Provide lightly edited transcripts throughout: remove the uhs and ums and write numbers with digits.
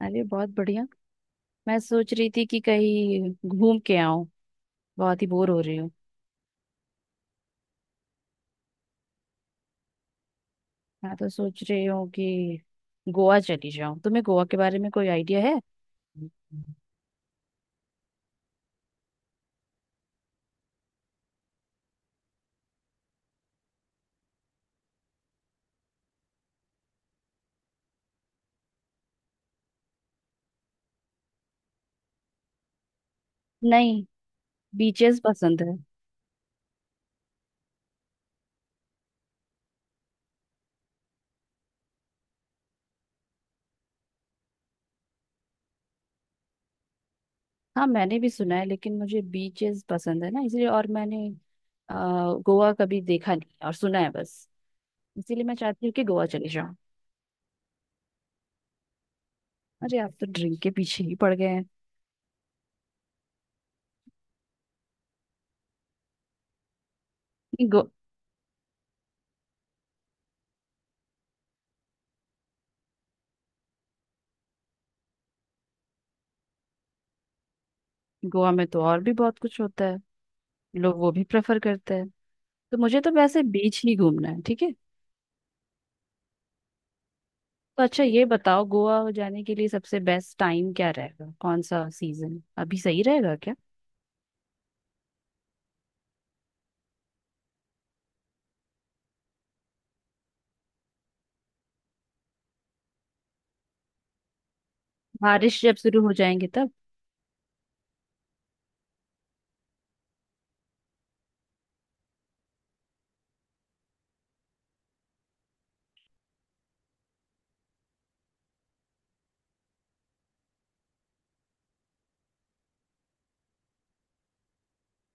अरे बहुत बढ़िया। मैं सोच रही थी कि कहीं घूम के आऊं। बहुत ही बोर हो रही हूँ। मैं तो सोच रही हूँ कि गोवा चली जाऊं। तुम्हें गोवा के बारे में कोई आइडिया है? नहीं, बीचेस पसंद है। हाँ मैंने भी सुना है, लेकिन मुझे बीचेस पसंद है ना इसलिए। और मैंने अ, गोवा कभी देखा नहीं है और सुना है बस। इसीलिए मैं चाहती हूँ कि गोवा चली जाऊं। अरे आप तो ड्रिंक के पीछे ही पड़ गए हैं। गो, गोवा में तो और भी बहुत कुछ होता है। लोग वो भी प्रेफर करते हैं। तो मुझे तो वैसे बीच ही घूमना है, ठीक है? तो अच्छा ये बताओ, गोवा जाने के लिए सबसे बेस्ट टाइम क्या रहेगा? कौन सा सीजन अभी सही रहेगा क्या? बारिश जब शुरू हो जाएंगे तब?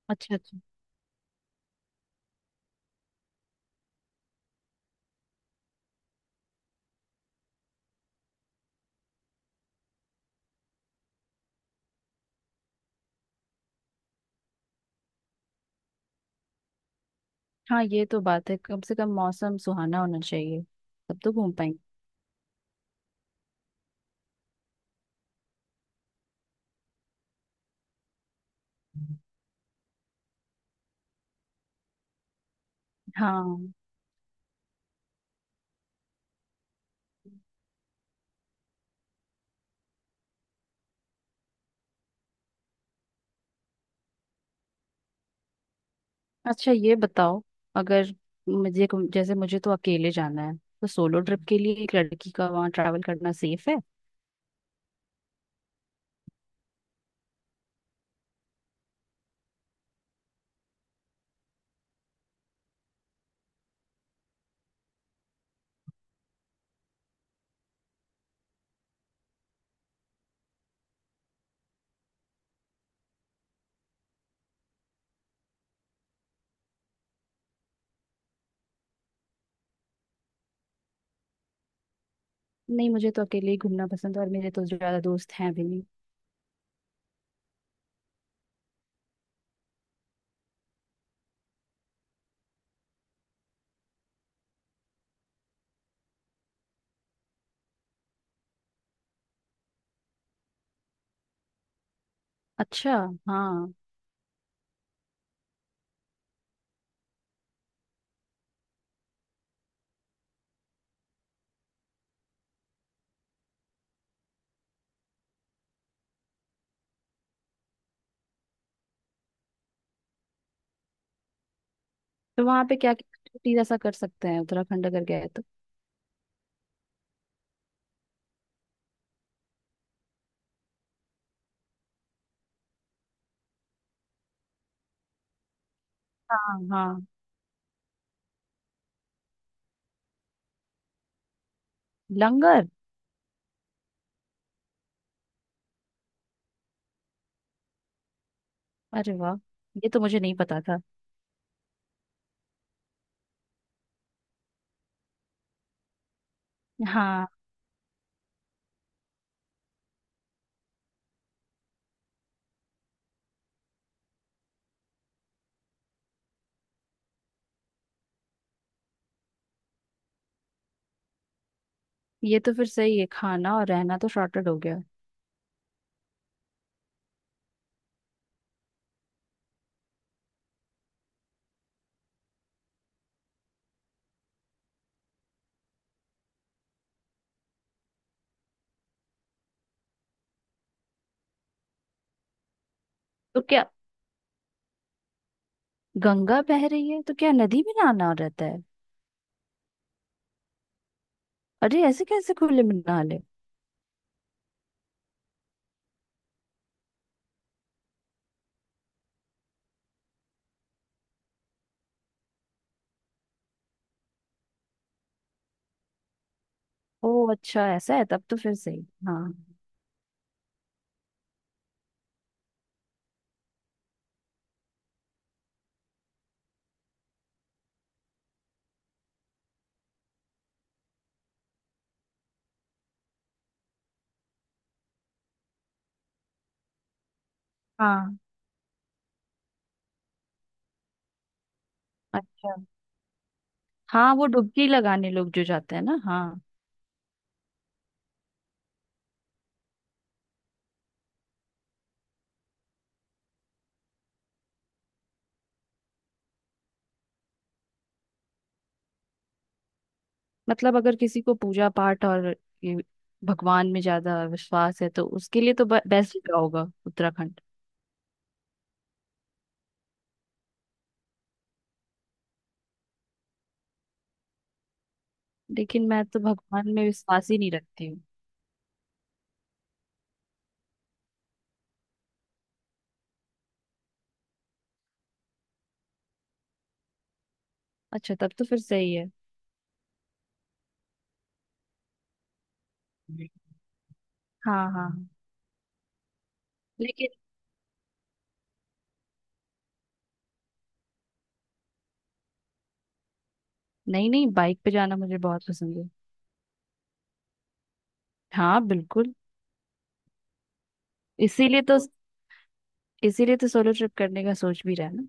अच्छा अच्छा। हाँ ये तो बात है, कम से कम मौसम सुहाना होना चाहिए। तब तो घूम पाएंगे। हाँ, अच्छा ये बताओ, अगर मुझे, जैसे मुझे तो अकेले जाना है, तो सोलो ट्रिप के लिए एक लड़की का वहाँ ट्रैवल करना सेफ है? नहीं, मुझे तो अकेले ही घूमना पसंद है और मेरे तो ज्यादा दोस्त हैं भी नहीं। अच्छा, हाँ। तो वहाँ पे क्या क्या ऐसा कर सकते हैं, उत्तराखंड अगर गए? हाँ हाँ। लंगर? अरे वाह, ये तो मुझे नहीं पता था। हाँ। ये तो फिर सही है, खाना और रहना तो शॉर्टेड हो गया। तो क्या गंगा बह रही है तो क्या नदी में नहाना रहता है? अरे ऐसे कैसे खुले में नहा ले? ओ अच्छा, ऐसा है, तब तो फिर सही। हाँ। हाँ। अच्छा। हाँ वो डुबकी लगाने लोग जो जाते हैं ना, हाँ। मतलब अगर किसी को पूजा पाठ और ये भगवान में ज्यादा विश्वास है तो उसके लिए तो बेस्ट होगा उत्तराखंड। लेकिन मैं तो भगवान में विश्वास ही नहीं रखती हूँ। अच्छा तब तो फिर सही है। हाँ हाँ। लेकिन नहीं नहीं, बाइक पे जाना मुझे बहुत पसंद है। हाँ बिल्कुल। इसीलिए तो, इसीलिए तो सोलो ट्रिप करने का सोच भी रहा है ना।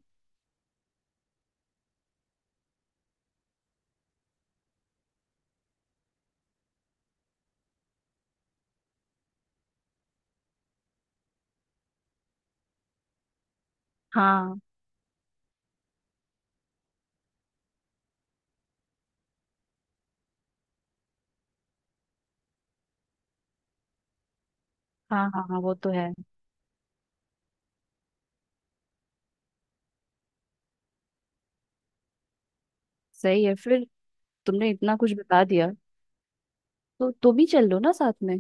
हाँ हाँ। हाँ हाँ, वो तो है। सही है फिर। तुमने इतना कुछ बता दिया, तो तुम ही चल लो ना साथ में।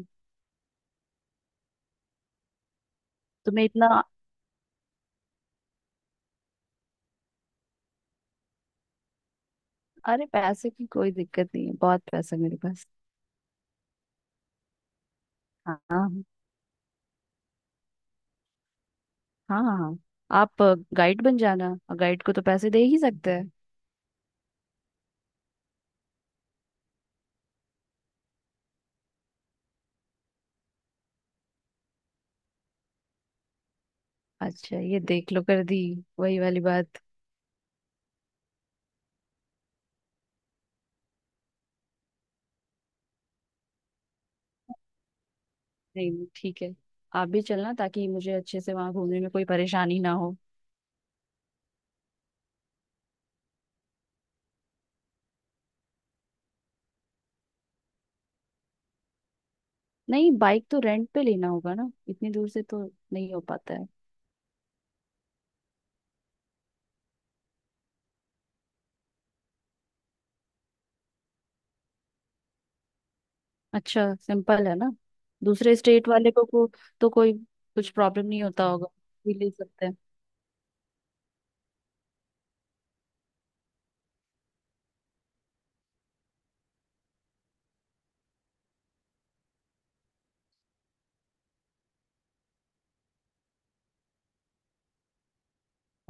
तुम्हें इतना। अरे पैसे की कोई दिक्कत नहीं है, बहुत पैसा है मेरे पास। हाँ हाँ। हाँ हाँ। आप गाइड बन जाना, और गाइड को तो पैसे दे ही सकते हैं। अच्छा ये देख लो, कर दी वही वाली बात। नहीं नहीं, ठीक है, आप भी चलना ताकि मुझे अच्छे से वहां घूमने में कोई परेशानी ना हो। नहीं, बाइक तो रेंट पे लेना होगा ना, इतनी दूर से तो नहीं हो पाता है। अच्छा सिंपल है ना। दूसरे स्टेट वाले को, तो कोई कुछ प्रॉब्लम नहीं होता होगा? भी ले सकते हैं?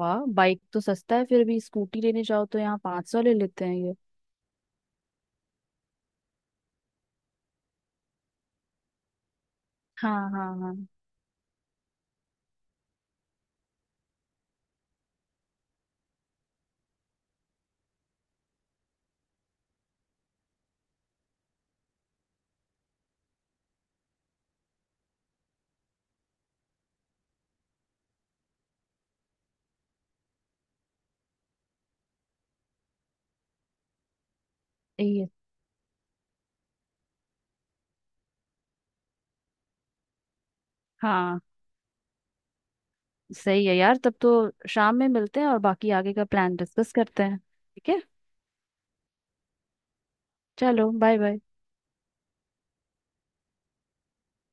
वाह बाइक तो सस्ता है, फिर भी स्कूटी लेने जाओ तो यहाँ 500 ले लेते हैं ये। हाँ हाँ हाँ। यही है। हाँ सही है यार, तब तो शाम में मिलते हैं और बाकी आगे का प्लान डिस्कस करते हैं, ठीक है? चलो बाय बाय।